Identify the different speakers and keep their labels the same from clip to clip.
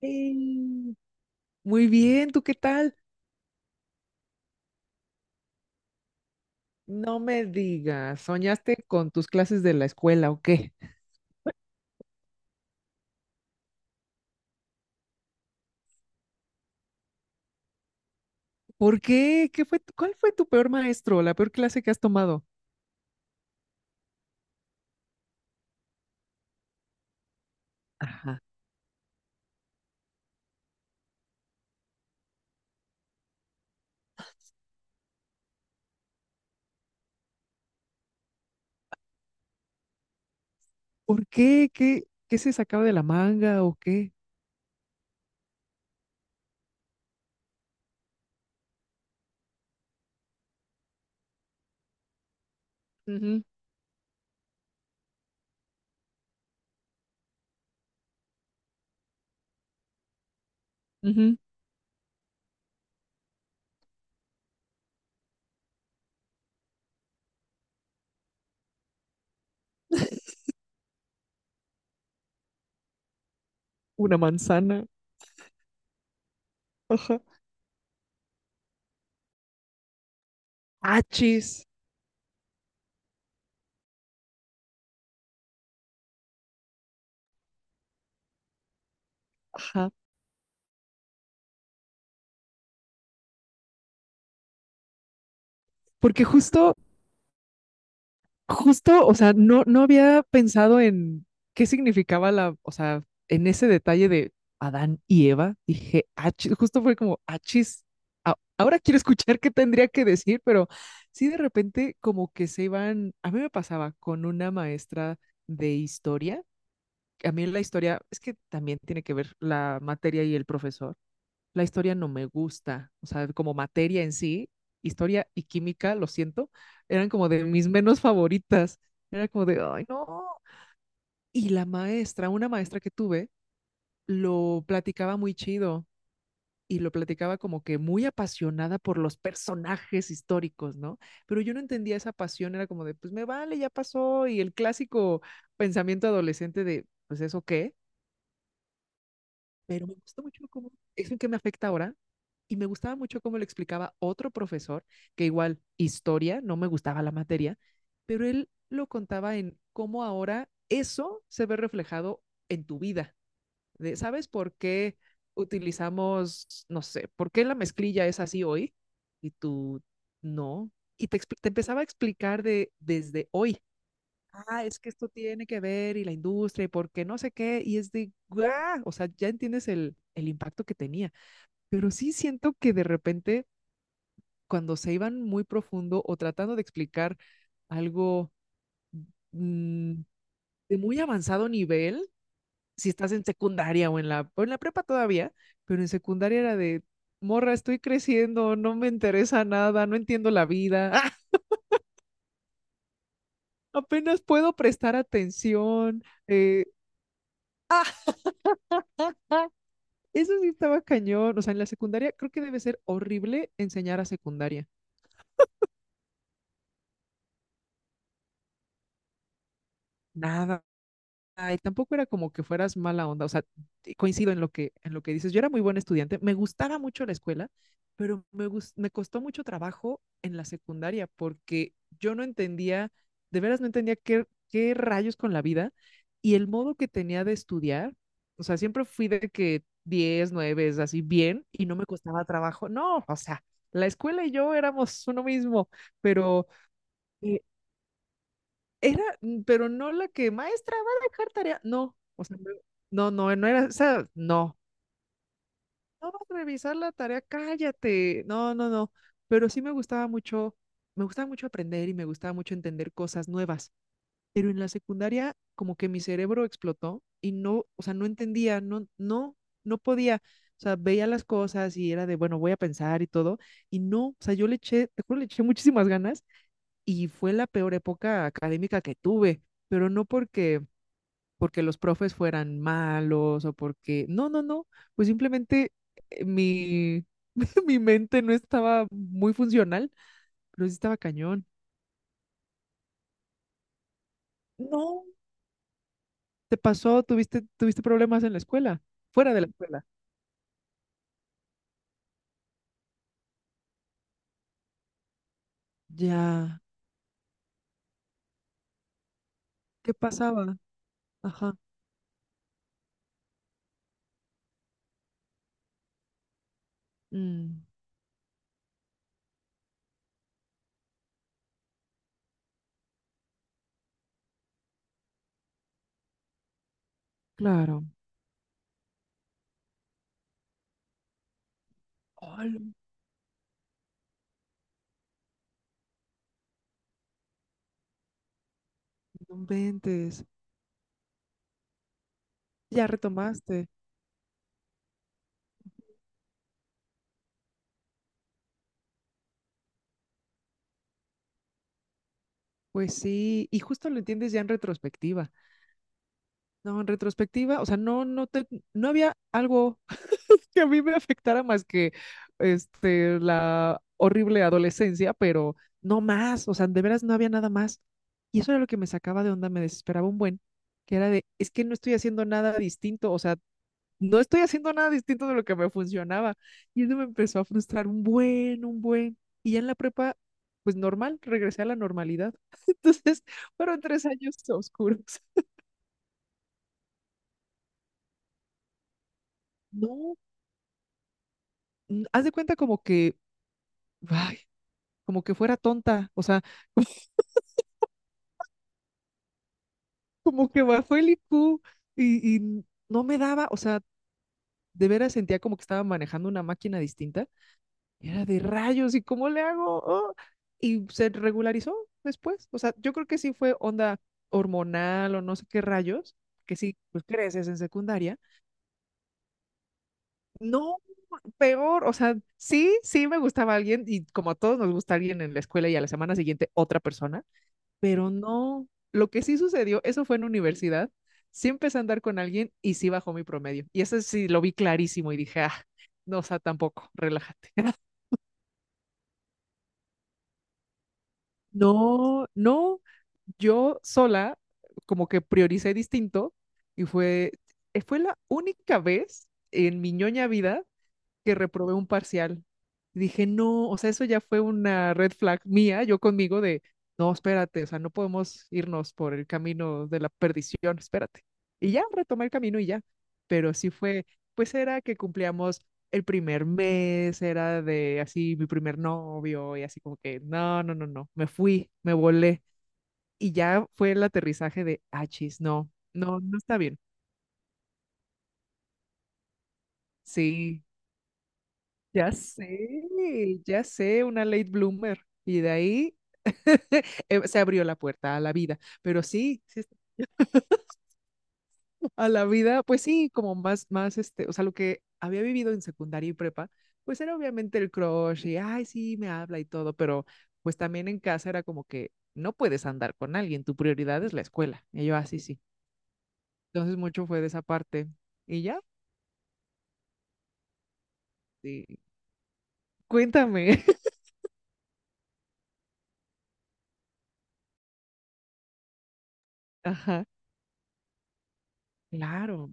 Speaker 1: Sí. Muy bien, ¿tú qué tal? No me digas, ¿soñaste con tus clases de la escuela o qué? ¿Por qué? ¿Qué fue cuál fue tu peor maestro, la peor clase que has tomado? Ajá. ¿Por qué? ¿Qué se sacaba de la manga o qué? Ujú, ujú. Una manzana. Ajá. Achis. Ajá. Porque justo Justo, o sea, no, no había pensado en qué significaba la, o sea, en ese detalle de Adán y Eva, dije, "Ach-", justo fue como, achis, ahora quiero escuchar qué tendría que decir, pero sí de repente como que se iban, a mí me pasaba con una maestra de historia, a mí la historia, es que también tiene que ver la materia y el profesor, la historia no me gusta, o sea, como materia en sí, historia y química, lo siento, eran como de mis menos favoritas. Era como de, ay, no. Y la maestra, una maestra que tuve, lo platicaba muy chido y lo platicaba como que muy apasionada por los personajes históricos, ¿no? Pero yo no entendía esa pasión, era como de, pues me vale, ya pasó, y el clásico pensamiento adolescente de, pues eso qué, pero me gustó mucho cómo, es lo que me afecta ahora, y me gustaba mucho cómo lo explicaba otro profesor, que igual historia, no me gustaba la materia, pero él lo contaba en cómo ahora eso se ve reflejado en tu vida. De, ¿sabes por qué utilizamos, no sé, por qué la mezclilla es así hoy? Y tú, no. Y te, te empezaba a explicar de desde hoy, ah, es que esto tiene que ver y la industria y por qué no sé qué, y es de, ¡guau! O sea, ya entiendes el impacto que tenía, pero sí siento que de repente cuando se iban muy profundo o tratando de explicar algo mm, de muy avanzado nivel, si estás en secundaria o en la prepa todavía, pero en secundaria era de, morra, estoy creciendo, no me interesa nada, no entiendo la vida, apenas puedo prestar atención, eh, eso sí estaba cañón. O sea, en la secundaria creo que debe ser horrible enseñar a secundaria. Nada. Ay, tampoco era como que fueras mala onda, o sea, coincido en lo que dices. Yo era muy buen estudiante, me gustaba mucho la escuela, pero me, me costó mucho trabajo en la secundaria porque yo no entendía, de veras no entendía qué rayos con la vida y el modo que tenía de estudiar, o sea, siempre fui de que 10 9, es así bien y no me costaba trabajo. No, o sea, la escuela y yo éramos uno mismo, pero... eh, era, pero no la que, maestra, va a dejar tarea. No, o sea, no, no, no era, o sea, no. No vas a revisar la tarea, cállate. No, no, no. Pero sí me gustaba mucho aprender y me gustaba mucho entender cosas nuevas. Pero en la secundaria, como que mi cerebro explotó y no, o sea, no entendía, no, no, no podía. O sea, veía las cosas y era de, bueno, voy a pensar y todo. Y no, o sea, yo le eché, te juro, le eché muchísimas ganas y fue la peor época académica que tuve, pero no porque los profes fueran malos o porque... No, no, no, pues simplemente mi, mi mente no estaba muy funcional, pero sí estaba cañón. No, ¿te pasó? ¿Tuviste, tuviste problemas en la escuela? Fuera de la escuela. Ya, ¿qué pasaba? Ajá. Mm, claro. Ay, no inventes. Ya retomaste. Pues sí, y justo lo entiendes ya en retrospectiva. No, en retrospectiva, o sea, no, no te, no había algo que a mí me afectara más que este, la horrible adolescencia, pero no más, o sea, de veras no había nada más. Y eso era lo que me sacaba de onda, me desesperaba un buen, que era de, es que no estoy haciendo nada distinto, o sea, no estoy haciendo nada distinto de lo que me funcionaba. Y eso me empezó a frustrar un buen, un buen. Y ya en la prepa, pues normal, regresé a la normalidad. Entonces, fueron 3 años oscuros. No, haz de cuenta como que, ay, como que fuera tonta, o sea, como que bajó el IQ y no me daba, o sea, de veras sentía como que estaba manejando una máquina distinta. Y era de rayos, ¿y cómo le hago? Oh. Y se regularizó después. O sea, yo creo que sí fue onda hormonal o no sé qué rayos, que sí, pues creces en secundaria. No, peor, o sea, sí, sí me gustaba alguien y como a todos nos gusta alguien en la escuela y a la semana siguiente otra persona. Pero no, lo que sí sucedió, eso fue en universidad, sí empecé a andar con alguien y sí bajó mi promedio. Y eso sí lo vi clarísimo y dije, ah, no, o sea, tampoco, relájate. No, no, yo sola como que prioricé distinto y fue, fue la única vez en mi ñoña vida que reprobé un parcial. Y dije, no, o sea, eso ya fue una red flag mía, yo conmigo de, no, espérate, o sea, no podemos irnos por el camino de la perdición, espérate. Y ya retomé el camino y ya. Pero sí fue, pues era que cumplíamos el primer mes, era de así mi primer novio y así como que, no, no, no, no, me fui, me volé. Y ya fue el aterrizaje de, ah, chis, no, no, no está bien. Sí. Ya sé, ya sé, una late bloomer. Y de ahí se abrió la puerta a la vida. Pero sí, sí, a la vida, pues sí, como más, más, este, o sea, lo que había vivido en secundaria y prepa, pues era obviamente el crush y, ay, sí, me habla y todo, pero pues también en casa era como que no puedes andar con alguien, tu prioridad es la escuela. Y yo, así, sí. Sí". Entonces mucho fue de esa parte. Y ya, sí. Cuéntame. Ajá, claro,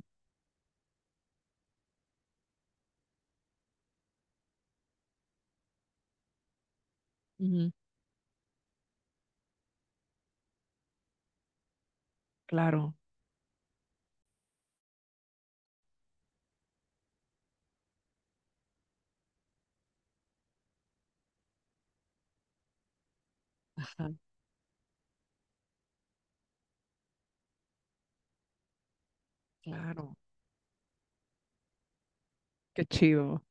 Speaker 1: ujú, claro, ajá, claro. Qué chido.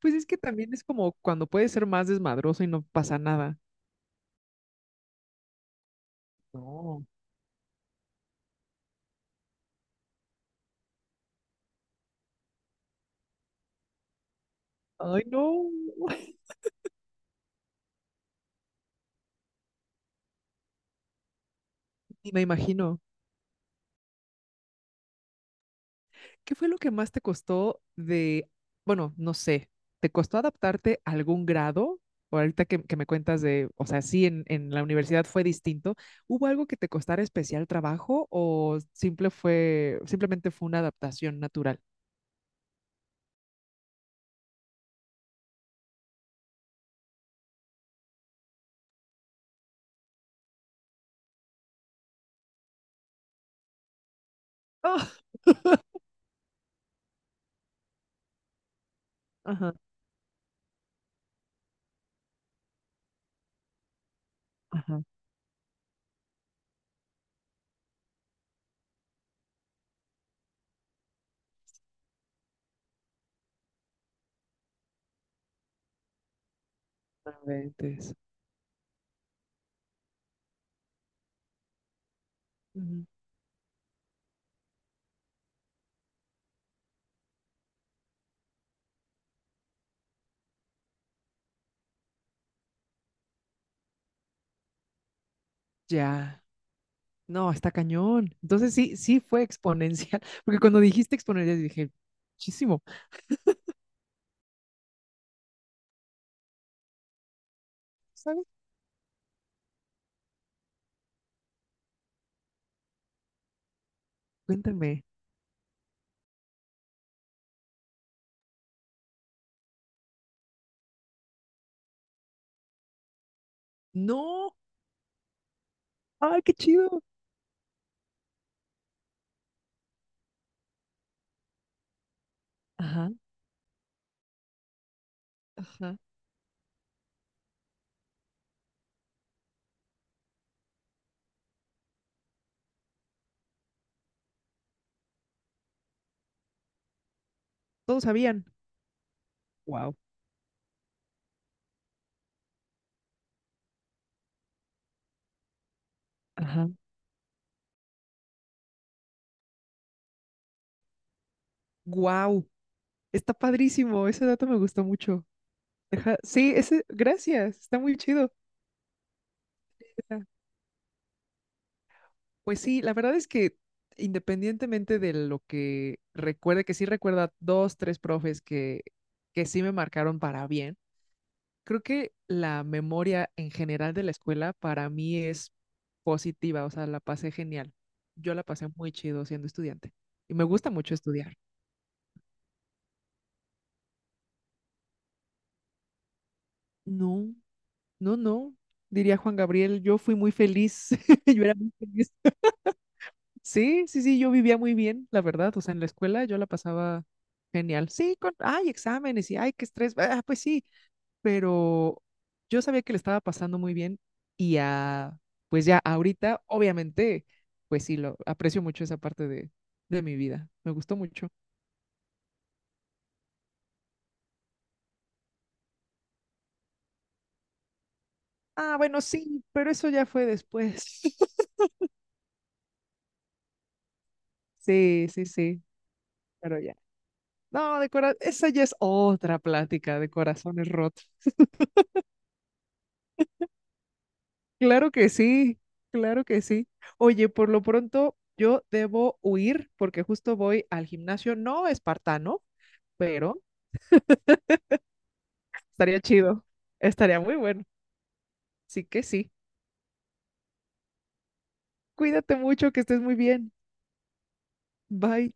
Speaker 1: Pues es que también es como cuando puedes ser más desmadroso y no pasa nada. No. Ay, no. Y me imagino, ¿qué fue lo que más te costó de, bueno, no sé, ¿te costó adaptarte a algún grado? O ahorita que me cuentas de, o sea, sí, en la universidad fue distinto. ¿Hubo algo que te costara especial trabajo o simple fue, simplemente fue una adaptación natural? Ah, ajá, ajá. No inventes. Ujú. Ya. No, está cañón. Entonces sí, sí fue exponencial, porque cuando dijiste exponencial dije, muchísimo, ¿sabes? Cuéntame. No, ay, qué chido. Ajá, ajá. Todos sabían. Wow. Ajá. Wow. Está padrísimo, ese dato me gustó mucho. Ajá. Sí, ese, gracias, está muy chido. Ajá. Pues sí, la verdad es que independientemente de lo que recuerde, que sí recuerda dos, tres profes que sí me marcaron para bien. Creo que la memoria en general de la escuela para mí es positiva, o sea, la pasé genial. Yo la pasé muy chido siendo estudiante y me gusta mucho estudiar. No, no, no, diría Juan Gabriel, yo fui muy feliz, yo era muy feliz. Sí, sí, sí, yo vivía muy bien, la verdad, o sea, en la escuela yo la pasaba genial. Sí, con, ay, exámenes y ay, qué estrés, ah, pues sí, pero yo sabía que le estaba pasando muy bien y a, pues ya ahorita, obviamente, pues sí, lo aprecio mucho esa parte de mi vida. Me gustó mucho. Ah, bueno, sí, pero eso ya fue después. Sí, sí, sí, pero ya. No, de corazón, esa ya es otra plática de corazones rotos. Claro que sí, claro que sí. Oye, por lo pronto yo debo huir porque justo voy al gimnasio, no espartano, pero estaría chido, estaría muy bueno. Sí que sí. Cuídate mucho, que estés muy bien. Bye.